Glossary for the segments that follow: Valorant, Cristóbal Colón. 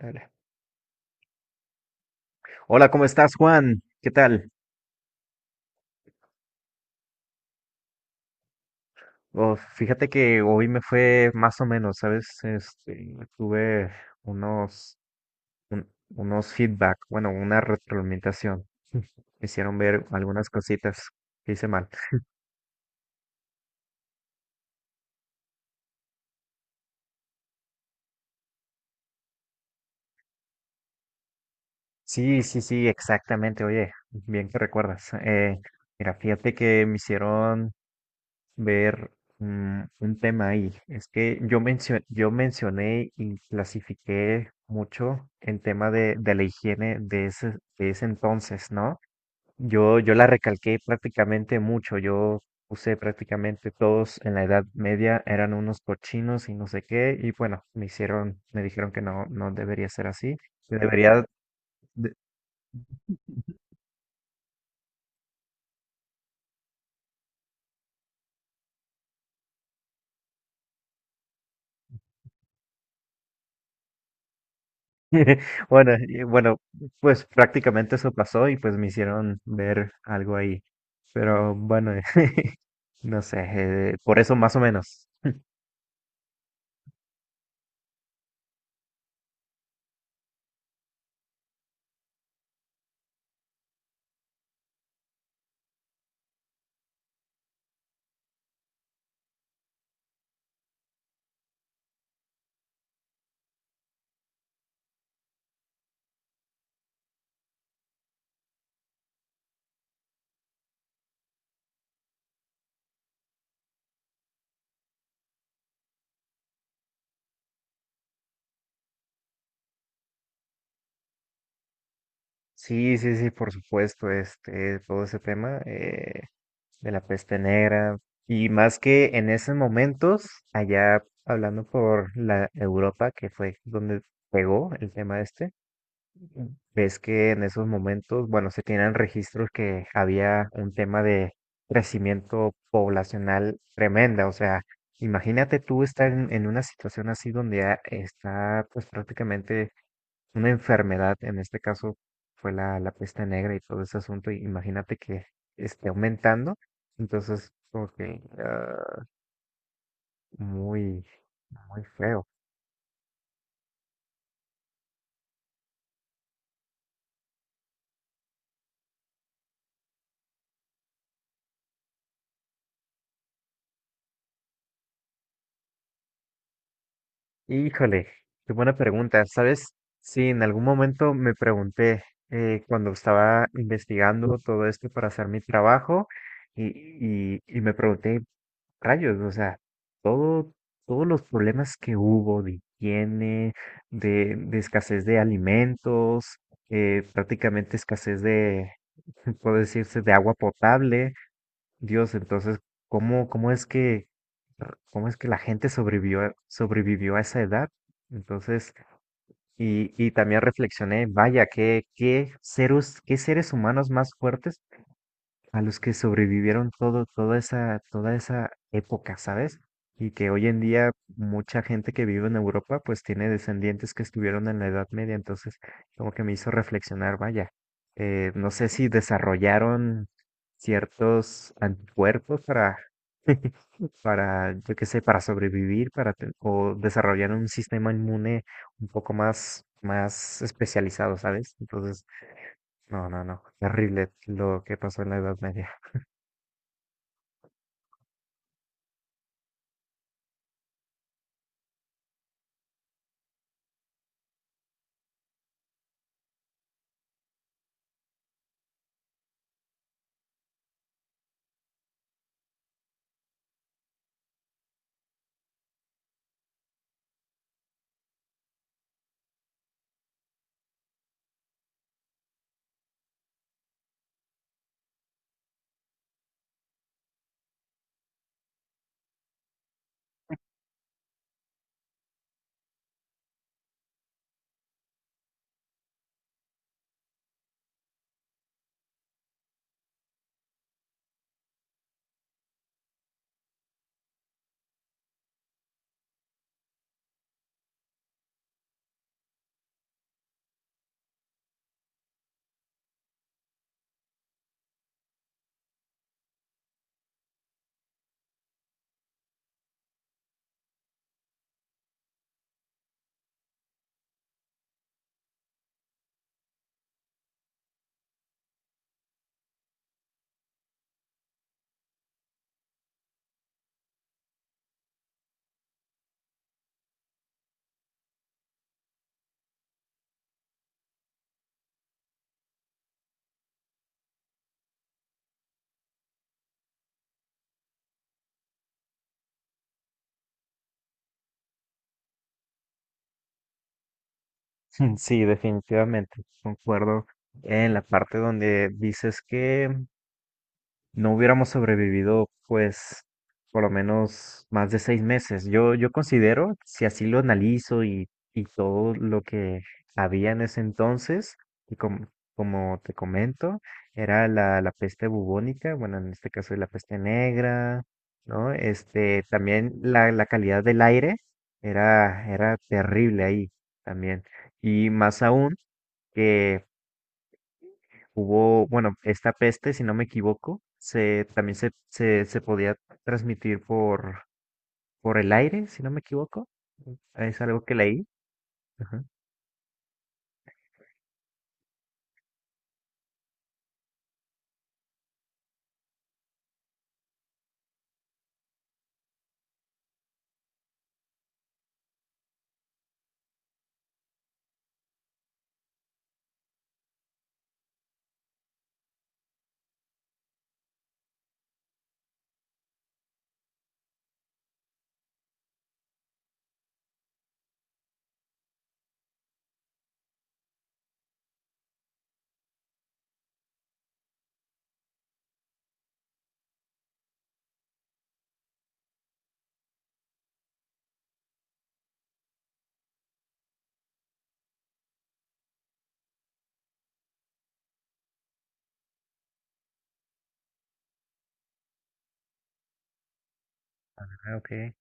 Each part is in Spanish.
Dale. Hola, ¿cómo estás, Juan? ¿Qué tal? Oh, fíjate que hoy me fue más o menos, ¿sabes? Este, tuve unos, unos feedback, bueno, una retroalimentación. Me hicieron ver algunas cositas que hice mal. Sí, sí, sí, exactamente. Oye, bien que recuerdas. Mira, fíjate que me hicieron ver un tema ahí. Es que yo mencioné y clasifiqué mucho en tema de la higiene de ese entonces, ¿no? Yo la recalqué prácticamente mucho. Yo puse prácticamente todos en la Edad Media eran unos cochinos y no sé qué. Y bueno, me hicieron, me dijeron que no, no debería ser así. que Debería, Bueno, y bueno, pues prácticamente eso pasó y pues me hicieron ver algo ahí. Pero bueno, no sé, por eso más o menos. Sí, sí, sí, por supuesto, este, todo ese tema de la peste negra. Y más que en esos momentos, allá hablando por la Europa, que fue donde pegó el tema este. Ves que en esos momentos, bueno, se tienen registros que había un tema de crecimiento poblacional tremenda. O sea, imagínate tú estar en una situación así donde está pues prácticamente una enfermedad, en este caso fue la, la peste negra y todo ese asunto, y imagínate que esté aumentando. Entonces, como que muy, muy feo. Híjole, qué buena pregunta. ¿Sabes? Sí, en algún momento me pregunté cuando estaba investigando todo esto para hacer mi trabajo y me pregunté, rayos, o sea, todo, todos los problemas que hubo de higiene, de escasez de alimentos, prácticamente escasez de, puede decirse, de agua potable. Dios, entonces, ¿cómo, cómo es que la gente sobrevivió, sobrevivió a esa edad? Entonces, y también reflexioné, vaya, qué, qué seres humanos más fuertes a los que sobrevivieron todo, toda esa época, ¿sabes? Y que hoy en día mucha gente que vive en Europa pues tiene descendientes que estuvieron en la Edad Media, entonces como que me hizo reflexionar, vaya, no sé si desarrollaron ciertos anticuerpos para, para, yo qué sé, para sobrevivir, o desarrollaron un sistema inmune un poco más, más especializado, ¿sabes? Entonces, no, no, no, terrible lo que pasó en la Edad Media. Sí, definitivamente, concuerdo en la parte donde dices que no hubiéramos sobrevivido, pues, por lo menos más de 6 meses. Yo, yo considero, si así lo analizo y todo lo que había en ese entonces, y como te comento, era la, la peste bubónica, bueno, en este caso la peste negra, ¿no? Este, también la calidad del aire era, era terrible ahí también. Y más aún que hubo, bueno, esta peste, si no me equivoco, también se podía transmitir por el aire, si no me equivoco. Es algo que leí. Ajá. Ah, ok.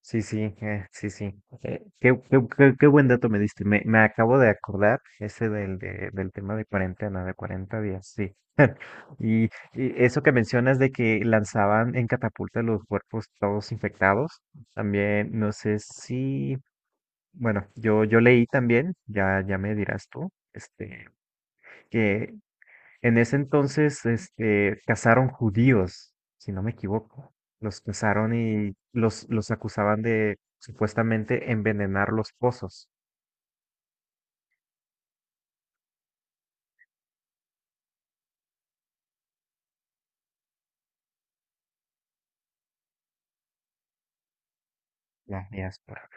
Sí, sí, sí, sí. Qué buen dato me diste. Me acabo de acordar ese del tema de cuarentena, de 40 días, sí. Y, y eso que mencionas de que lanzaban en catapulta los cuerpos todos infectados, también no sé si. Bueno, yo leí también, ya, ya me dirás tú, este, que en ese entonces, este, cazaron judíos, si no me equivoco. Los cazaron y los acusaban de supuestamente envenenar los pozos. La diáspora.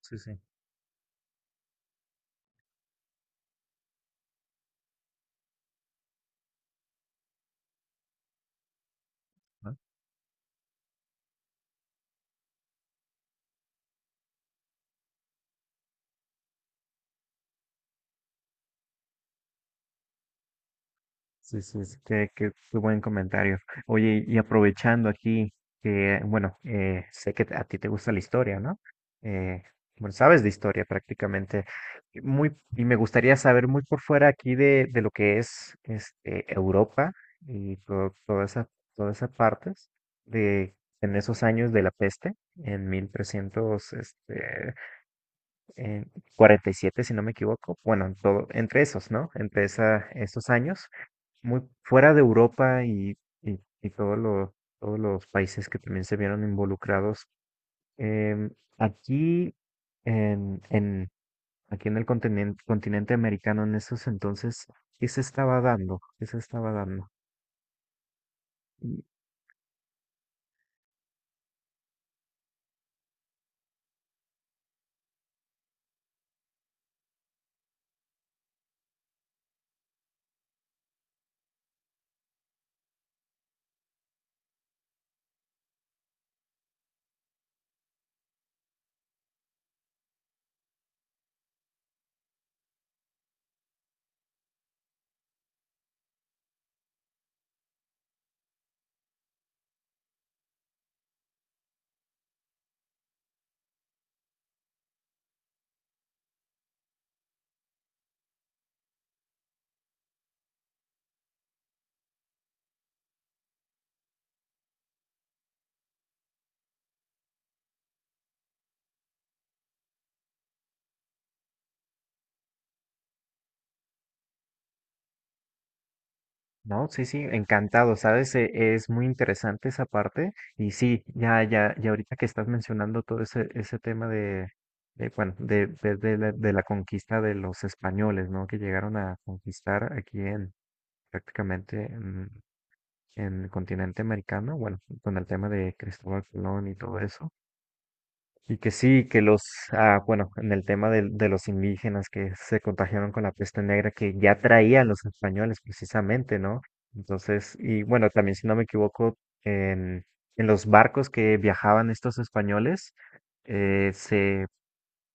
Sí, sí. Sí, sí, sí, qué buen comentario. Oye, y aprovechando aquí, que, bueno, sé que a ti te gusta la historia, ¿no? Eh, bueno, sabes de historia prácticamente. Y y me gustaría saber muy por fuera aquí de lo que es este, Europa y todo, toda esa, todas esas partes de en esos años de la peste, en 1300 este en 47 si no me equivoco. Bueno, en todo, entre esos, ¿no? Entre esa, esos años muy fuera de Europa y todos los países que también se vieron involucrados. em, aquí, en, en, aquí en el continente, continente americano, en esos entonces, ¿qué se estaba dando? ¿Qué se estaba dando? Y, no, sí, sí, encantado, ¿sabes? Es muy interesante esa parte. Y sí, ya, ya, ya ahorita que estás mencionando todo ese, ese tema de, bueno, de la conquista de los españoles, ¿no? Que llegaron a conquistar aquí en, prácticamente en el continente americano, bueno, con el tema de Cristóbal Colón y todo eso. Y que sí, que los, ah, bueno, en el tema de los indígenas que se contagiaron con la peste negra que ya traían los españoles precisamente, ¿no? Entonces, y bueno, también si no me equivoco, en, en los barcos que viajaban estos españoles, eh, se,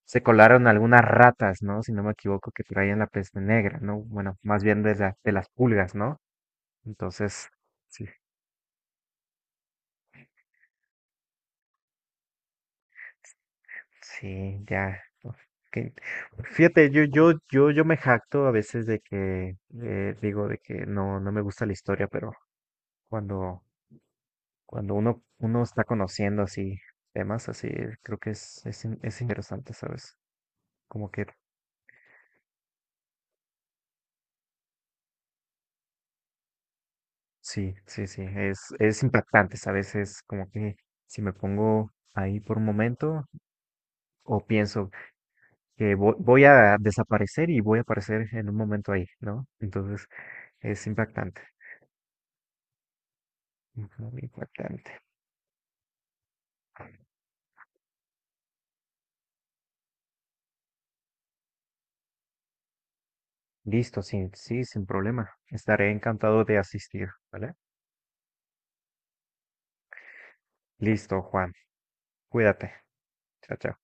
se colaron algunas ratas, ¿no? Si no me equivoco, que traían la peste negra, ¿no? Bueno, más bien de las pulgas, ¿no? Entonces, sí, sí, ya. Uf, que- fíjate, yo me jacto a veces de que digo de que no, no me gusta la historia, pero cuando, cuando uno, uno está conociendo así temas así, creo que es, es interesante, ¿sabes? Como que sí, sí, sí, es impactante, ¿sabes? Es como que si me pongo ahí por un momento o pienso que voy a desaparecer y voy a aparecer en un momento ahí, ¿no? Entonces es impactante, muy impactante. Listo, sí, sí, sin problema. Estaré encantado de asistir, ¿vale? Listo, Juan. Cuídate. Chao, chao.